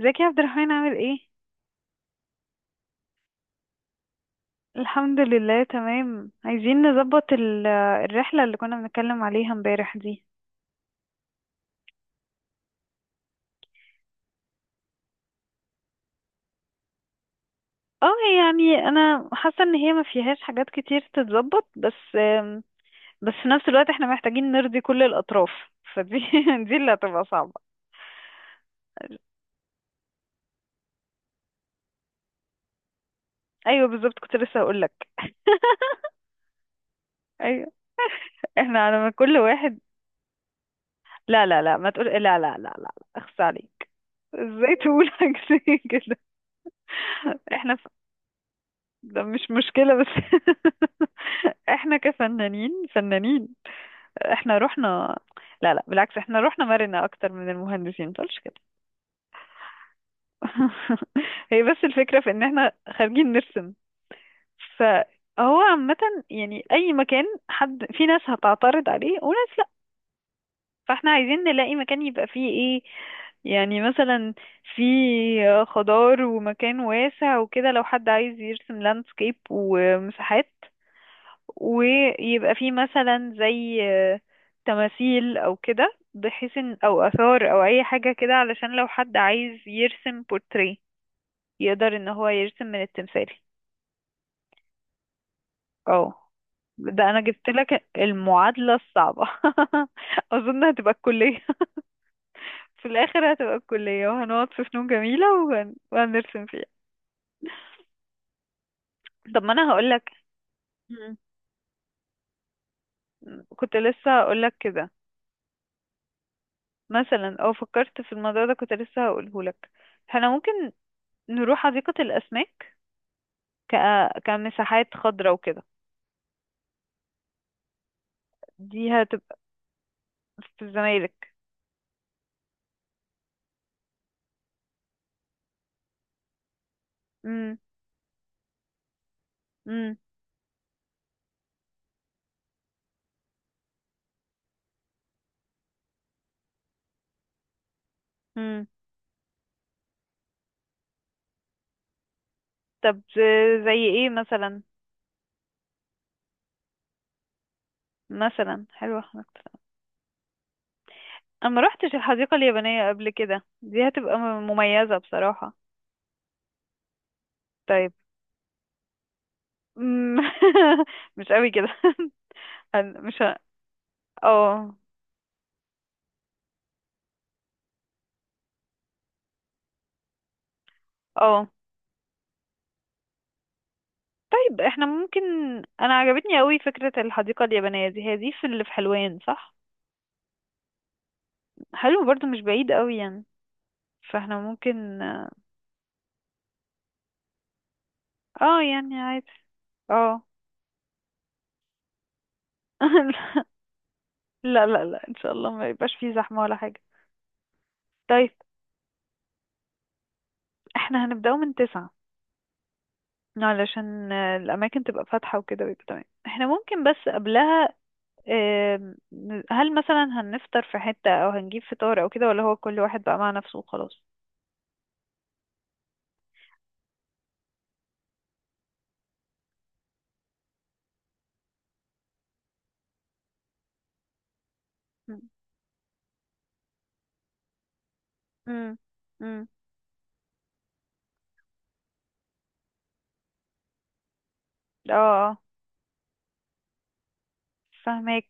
ازيك يا عبد الرحمن؟ عامل ايه؟ الحمد لله، تمام. عايزين نظبط الرحلة اللي كنا بنتكلم عليها امبارح دي. اه، يعني انا حاسة ان هي ما فيهاش حاجات كتير تتظبط بس، بس في نفس الوقت احنا محتاجين نرضي كل الاطراف. فدي دي اللي هتبقى صعبة. ايوه، بالظبط، كنت لسه هقول لك. ايوه. احنا على ما كل واحد. لا لا لا، ما تقول لا لا لا لا، لا. اخس عليك! ازاي تقول حاجة زي كده؟ احنا. ده مش مشكلة بس. احنا كفنانين فنانين. احنا رحنا. لا لا، بالعكس، احنا رحنا مرنا اكتر من المهندسين، متقولش كده. هي بس الفكرة في ان احنا خارجين نرسم. فهو عامة، يعني اي مكان حد، في ناس هتعترض عليه وناس لا. فاحنا عايزين نلاقي مكان يبقى فيه ايه. يعني مثلا، في خضار ومكان واسع وكده، لو حد عايز يرسم لاندسكيب ومساحات، ويبقى فيه مثلا زي تماثيل او كده، بحيث ان او اثار او اي حاجة كده، علشان لو حد عايز يرسم بورتريه يقدر ان هو يرسم من التمثال. اه، ده انا جبت لك المعادلة الصعبة. اظن هتبقى الكلية. في الاخر هتبقى الكلية وهنقعد في فنون جميلة وهنرسم فيها. طب ما انا هقولك. مم. كنت لسه هقولك كده. مثلا او فكرت في الموضوع ده، كنت لسه هقوله لك. احنا ممكن نروح حديقة الأسماك. ك... كمساحات خضراء وكده. دي هتبقى. في الزمالك. مم. مم. مم. طب، زي ايه مثلا؟ مثلا حلوة حديقة الأسماك. أنا ما روحتش الحديقة اليابانية قبل كده، دي هتبقى مميزة بصراحة. طيب. مم. مش قوي كده. أنا مش. اه، اه. طيب احنا ممكن. انا عجبتني قوي فكرة الحديقة اليابانية دي. هي دي في اللي في حلوان، صح؟ حلو برضو، مش بعيد قوي يعني. فاحنا ممكن. اه، يعني عادي. اه. لا لا لا، ان شاء الله ما يبقاش فيه زحمة ولا حاجة. طيب. احنا هنبدأه من 9، علشان الأماكن تبقى فاتحة وكده ويبقى تمام. احنا ممكن بس قبلها، آم، هل مثلا هنفطر في حتة أو هنجيب فطار أو كده، ولا هو كل واحد بقى مع نفسه وخلاص؟ مم. مم. مم. اه، اه، فهماك.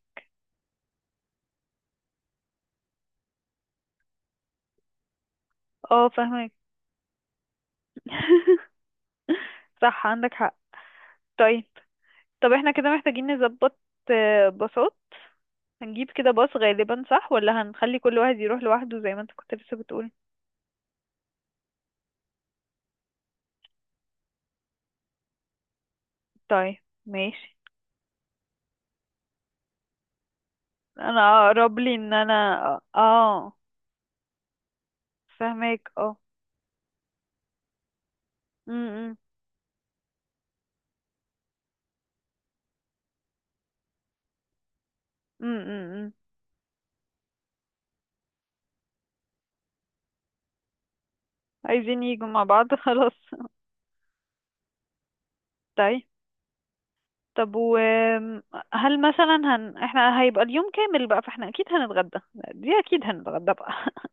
اه، فهماك. صح، عندك حق. طيب. طب احنا كده محتاجين نظبط باصات. هنجيب كده باص غالبا، صح؟ ولا هنخلي كل واحد يروح لوحده زي ما انت كنت لسه بتقول؟ طيب، ماشي. انا اقرب لي ان انا، اه، فاهمك، اه. م- م- م- م- م. عايزين يجوا مع بعض. خلاص. طيب. طب و، هل مثلا احنا هيبقى اليوم كامل بقى، فاحنا اكيد هنتغدى. دي اكيد هنتغدى بقى.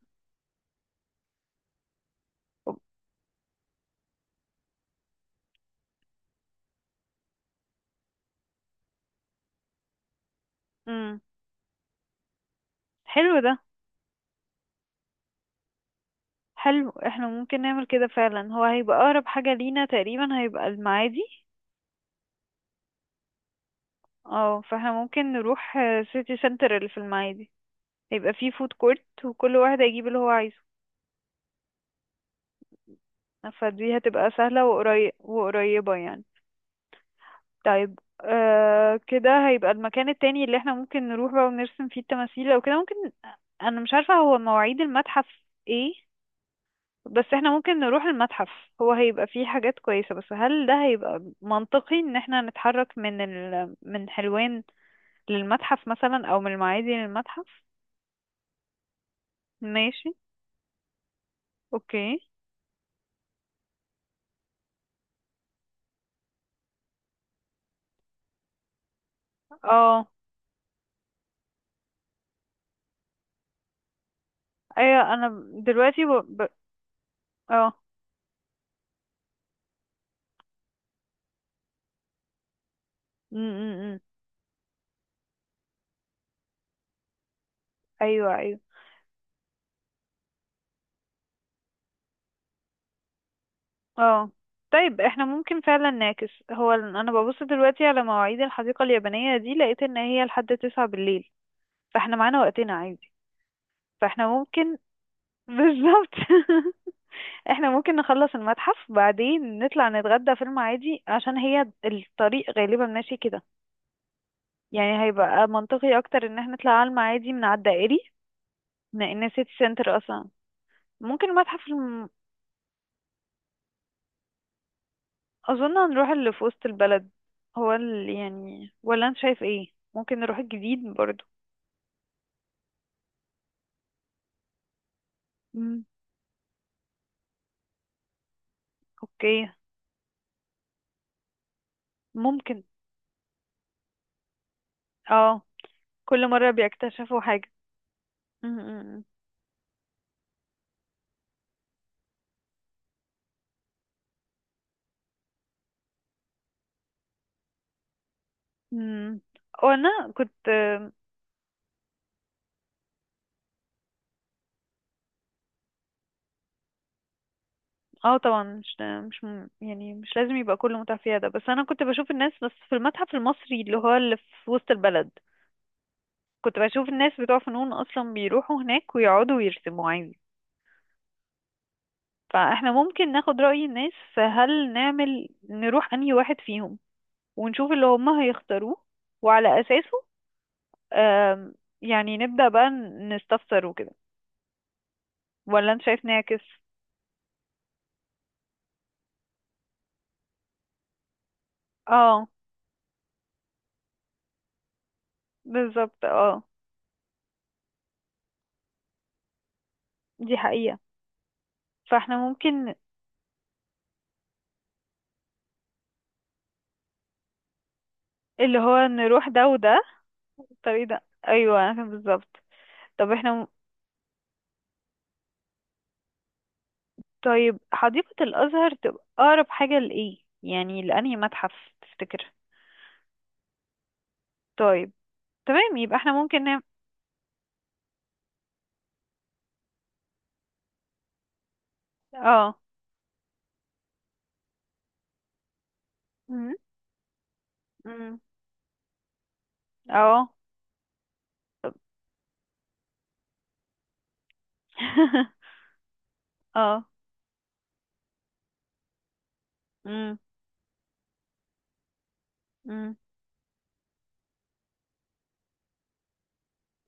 امم حلو ده. حلو، احنا ممكن نعمل كده فعلا. هو هيبقى اقرب حاجة لينا تقريبا هيبقى المعادي. اه، فاحنا ممكن نروح سيتي سنتر اللي في المعادي. هيبقى فيه فود كورت وكل واحد هيجيب اللي هو عايزه. فدي هتبقى سهلة وقريبة يعني. طيب، كده هيبقى المكان التاني اللي احنا ممكن نروح بقى ونرسم فيه التماثيل او كده، ممكن. انا مش عارفة هو مواعيد المتحف ايه، بس احنا ممكن نروح المتحف. هو هيبقى فيه حاجات كويسة، بس هل ده هيبقى منطقي ان احنا نتحرك من حلوان للمتحف مثلا، او من المعادي للمتحف؟ ماشي، اوكي، اه. ايوه، انا دلوقتي اه. م- م- م. ايوه، ايوه، اه. طيب احنا ممكن فعلا نعكس. هو انا ببص دلوقتي على مواعيد الحديقة اليابانية دي، لقيت ان هي لحد 9 بالليل. فاحنا معانا وقتنا عادي. فاحنا ممكن. بالظبط. احنا ممكن نخلص المتحف بعدين نطلع نتغدى في المعادي، عشان هي الطريق غالبا ماشي كده. يعني هيبقى منطقي اكتر ان احنا نطلع على المعادي من على الدائري، من السيتي سنتر اصلا. ممكن المتحف. اظن هنروح اللي في وسط البلد. هو اللي يعني، ولا انت شايف ايه؟ ممكن نروح الجديد برضو. امم اوكي. ممكن. اه. كل مرة بيكتشفوا حاجة. امم امم وانا كنت. اه، طبعا مش مش م- يعني مش لازم يبقى كله متعفية ده. بس انا كنت بشوف الناس، بس في المتحف المصري اللي هو اللي في وسط البلد كنت بشوف الناس بتوع فنون اصلا بيروحوا هناك ويقعدوا ويرسموا عادي. فاحنا ممكن ناخد رأي الناس، فهل نعمل نروح انهي واحد فيهم ونشوف اللي هم هيختاروه، وعلى أساسه، آم، يعني نبدأ بقى نستفسر وكده، ولا انت شايف نعكس؟ اه، بالظبط. اه، دي حقيقة. فاحنا ممكن اللي هو نروح ده وده. الطريق ده، ايوه، أنا فاهم بالظبط. طب احنا طيب حديقة الأزهر تبقى أقرب حاجة لإيه يعني، لأنهي متحف تفتكر؟ طيب، تمام، يبقى احنا ممكن نعمل. اه. مم، مم، اه. اه. مم، مم،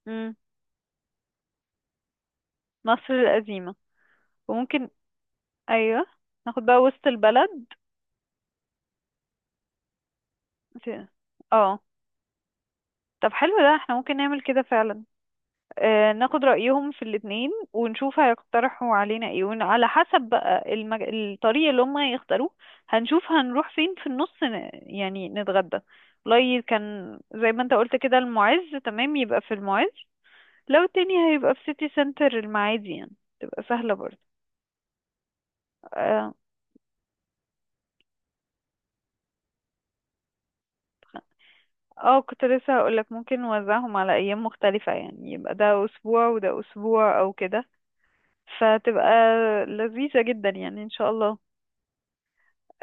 مم. مصر القديمة. وممكن، ايوه، ناخد بقى وسط البلد. في... اه. طب حلو ده، احنا ممكن نعمل كده فعلا. ناخد رأيهم في الاتنين ونشوف هيقترحوا علينا ايه، وعلى حسب بقى الطريق اللي هم هيختاروه. هنشوف هنروح فين في النص، يعني نتغدى. والله كان زي ما انت قلت كده، المعز تمام، يبقى في المعز. لو التاني هيبقى في سيتي سنتر المعادي، يعني تبقى سهلة برضه. آه. اه، كنت لسه هقولك ممكن نوزعهم على ايام مختلفة، يعني يبقى ده اسبوع وده اسبوع او كده، فتبقى لذيذة جدا يعني ان شاء الله.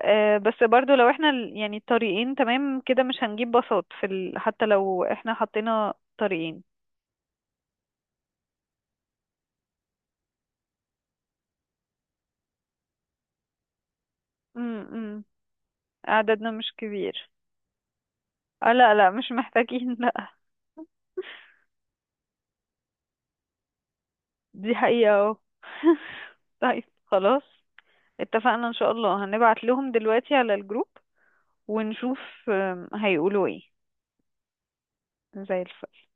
بس برضو، لو احنا يعني الطريقين تمام كده، مش هنجيب باصات في حتى لو احنا حطينا طريقين. امم عددنا مش كبير. لا لا، مش محتاجين، لا. دي حقيقة. اه. طيب، خلاص. اتفقنا. ان شاء الله هنبعت لهم دلوقتي على الجروب ونشوف هيقولوا ايه. زي الفل.